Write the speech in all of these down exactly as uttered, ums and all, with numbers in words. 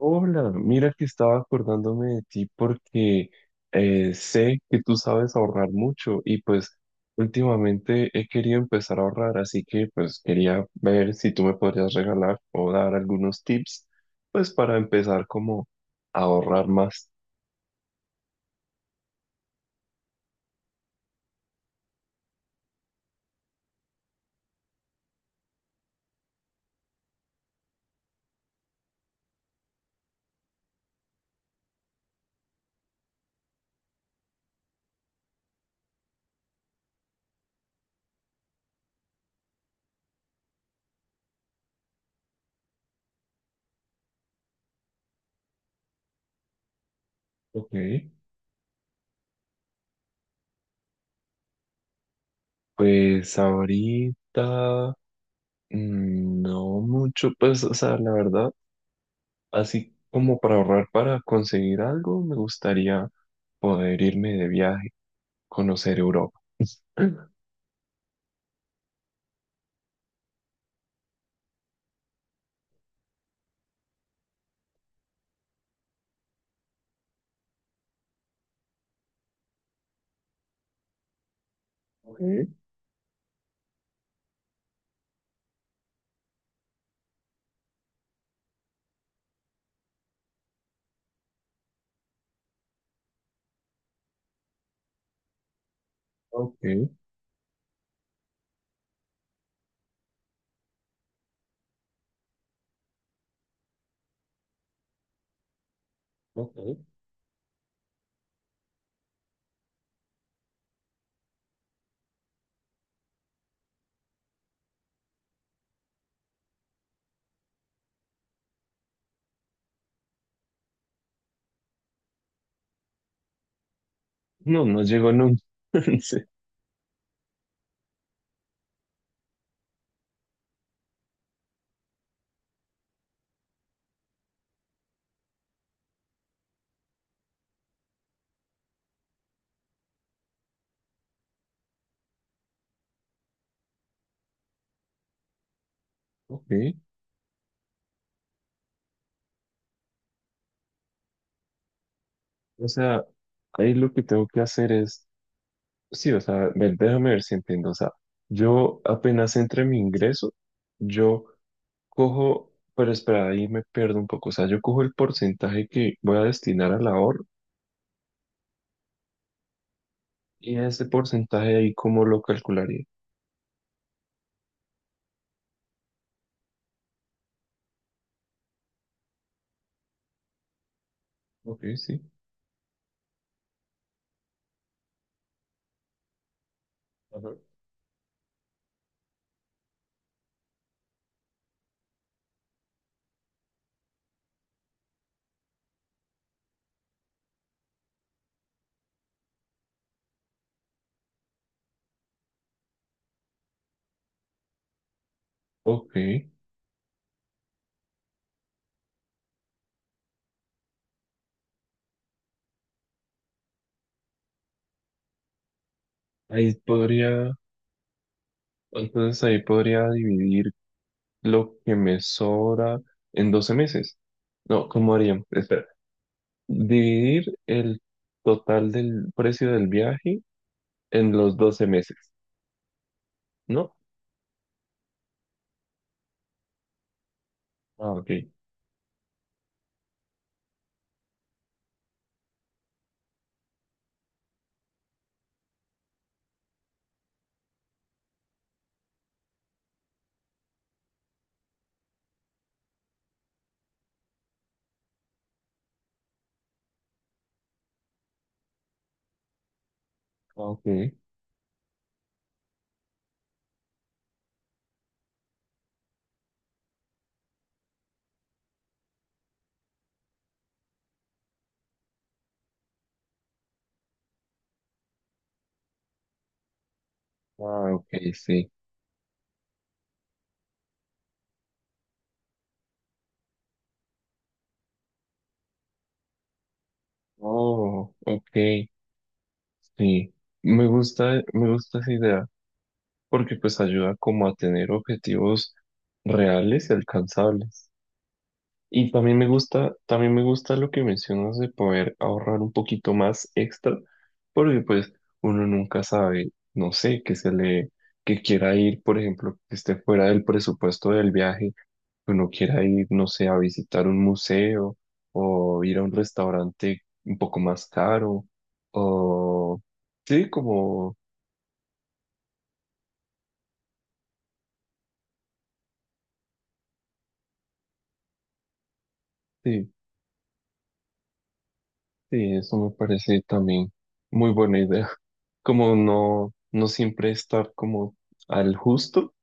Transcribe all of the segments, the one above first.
Hola, mira que estaba acordándome de ti porque eh, sé que tú sabes ahorrar mucho y pues últimamente he querido empezar a ahorrar, así que pues quería ver si tú me podrías regalar o dar algunos tips pues para empezar como a ahorrar más. Ok, pues ahorita mm, no mucho, pues o sea, la verdad, así como para ahorrar para conseguir algo, me gustaría poder irme de viaje conocer Europa. Ok, ok, ok. No, no llegó nunca. Sí, ok. O sea, ahí lo que tengo que hacer es, sí, o sea, ver, déjame ver si entiendo. O sea, yo apenas entre mi ingreso, yo cojo, pero espera, ahí me pierdo un poco. O sea, yo cojo el porcentaje que voy a destinar al ahorro y ese porcentaje ahí, ¿cómo lo calcularía? Ok, sí. Ajá. Ok, ahí podría, entonces ahí podría dividir lo que me sobra en doce meses. No, ¿cómo harían? Espera. Dividir el total del precio del viaje en los doce meses, ¿no? Ah, ok. Ah, ok. Ah, ok, sí. Oh, ok, sí. Me gusta, me gusta esa idea porque pues ayuda como a tener objetivos reales y alcanzables. Y también me gusta, también me gusta lo que mencionas de poder ahorrar un poquito más extra, porque pues uno nunca sabe, no sé, que se le, que quiera ir, por ejemplo, que esté fuera del presupuesto del viaje, que uno quiera ir, no sé, a visitar un museo o ir a un restaurante un poco más caro, o sí, como, sí, sí, eso me parece también muy buena idea, como no, no siempre estar como al justo.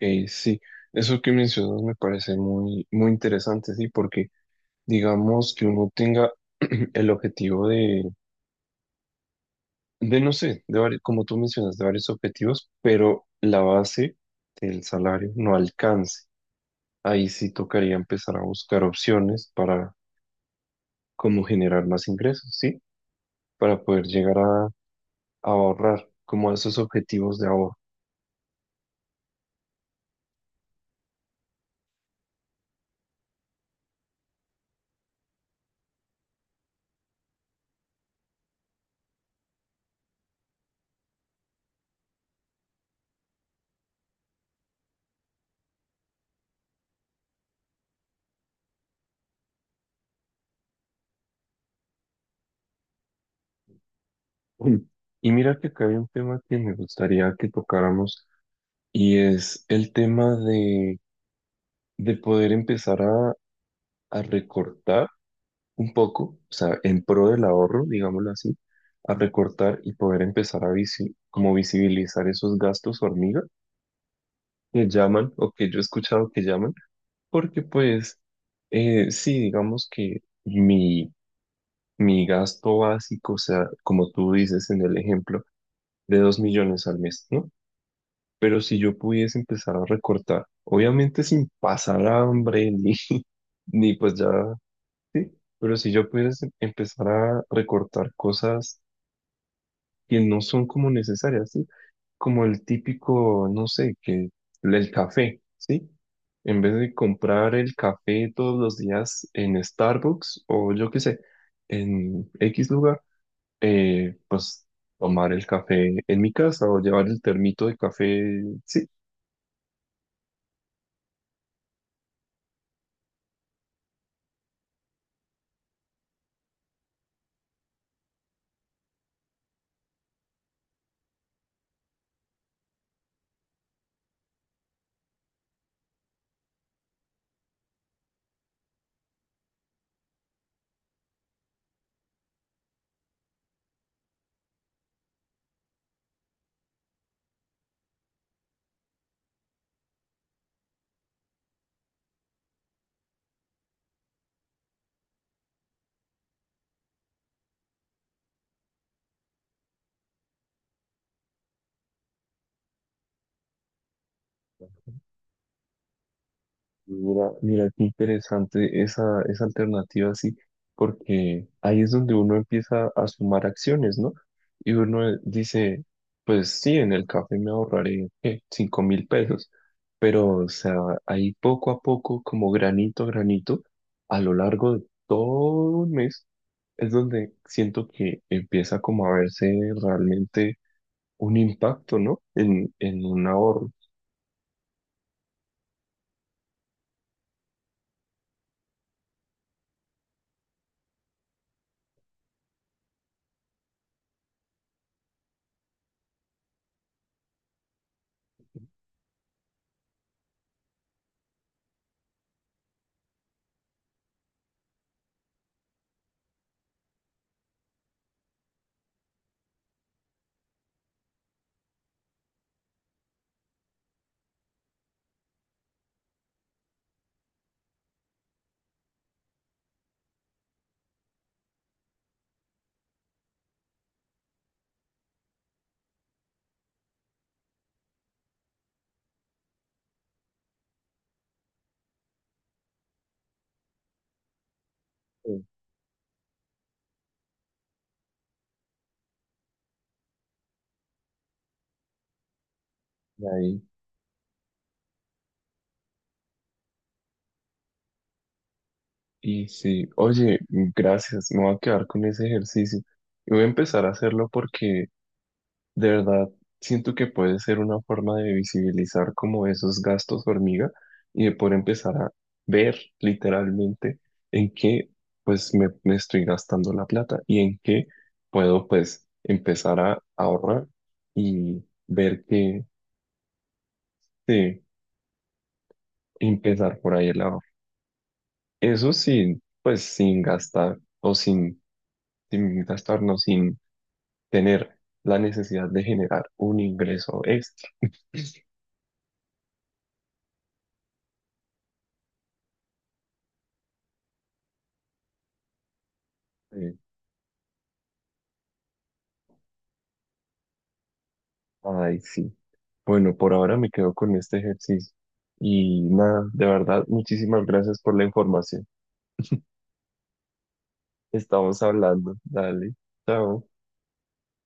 Eh, sí, eso que mencionas me parece muy, muy interesante, sí, porque digamos que uno tenga el objetivo de, de no sé, de vari- como tú mencionas, de varios objetivos, pero la base del salario no alcance. Ahí sí tocaría empezar a buscar opciones para cómo generar más ingresos, sí, para poder llegar a, a ahorrar, como a esos objetivos de ahorro. Mm. Y mira que acá hay un tema que me gustaría que tocáramos y es el tema de de poder empezar a, a recortar un poco, o sea, en pro del ahorro, digámoslo así, a recortar y poder empezar a visi- como visibilizar esos gastos hormiga que llaman o que yo he escuchado que llaman, porque pues eh, sí, digamos que mi, mi gasto básico, o sea, como tú dices en el ejemplo, de dos millones al mes, ¿no? Pero si yo pudiese empezar a recortar, obviamente sin pasar hambre ni, ni pues ya. Sí, pero si yo pudiera se- empezar a recortar cosas que no son como necesarias, ¿sí? Como el típico, no sé, que el café, ¿sí? En vez de comprar el café todos los días en Starbucks o yo qué sé, en X lugar, eh, pues tomar el café en mi casa o llevar el termito de café, sí. Mira, mira, qué interesante esa, esa alternativa, sí, porque ahí es donde uno empieza a sumar acciones, ¿no? Y uno dice, pues sí, en el café me ahorraré, ¿qué? Cinco mil pesos, pero, o sea, ahí poco a poco, como granito a granito, a lo largo de todo un mes, es donde siento que empieza como a verse realmente un impacto, ¿no? En, en un ahorro. Sí, y ahí Y sí, oye, gracias, me voy a quedar con ese ejercicio y voy a empezar a hacerlo porque de verdad siento que puede ser una forma de visibilizar como esos gastos hormiga y de poder empezar a ver literalmente en qué pues me, me estoy gastando la plata y en qué puedo pues empezar a ahorrar y ver que sí, empezar por ahí el ahorro. Eso sí, pues sin gastar o sin, sin gastarnos, sin tener la necesidad de generar un ingreso extra. Eh, Ay, sí. Bueno, por ahora me quedo con este ejercicio. Y nada, de verdad, muchísimas gracias por la información. Estamos hablando. Dale, chao.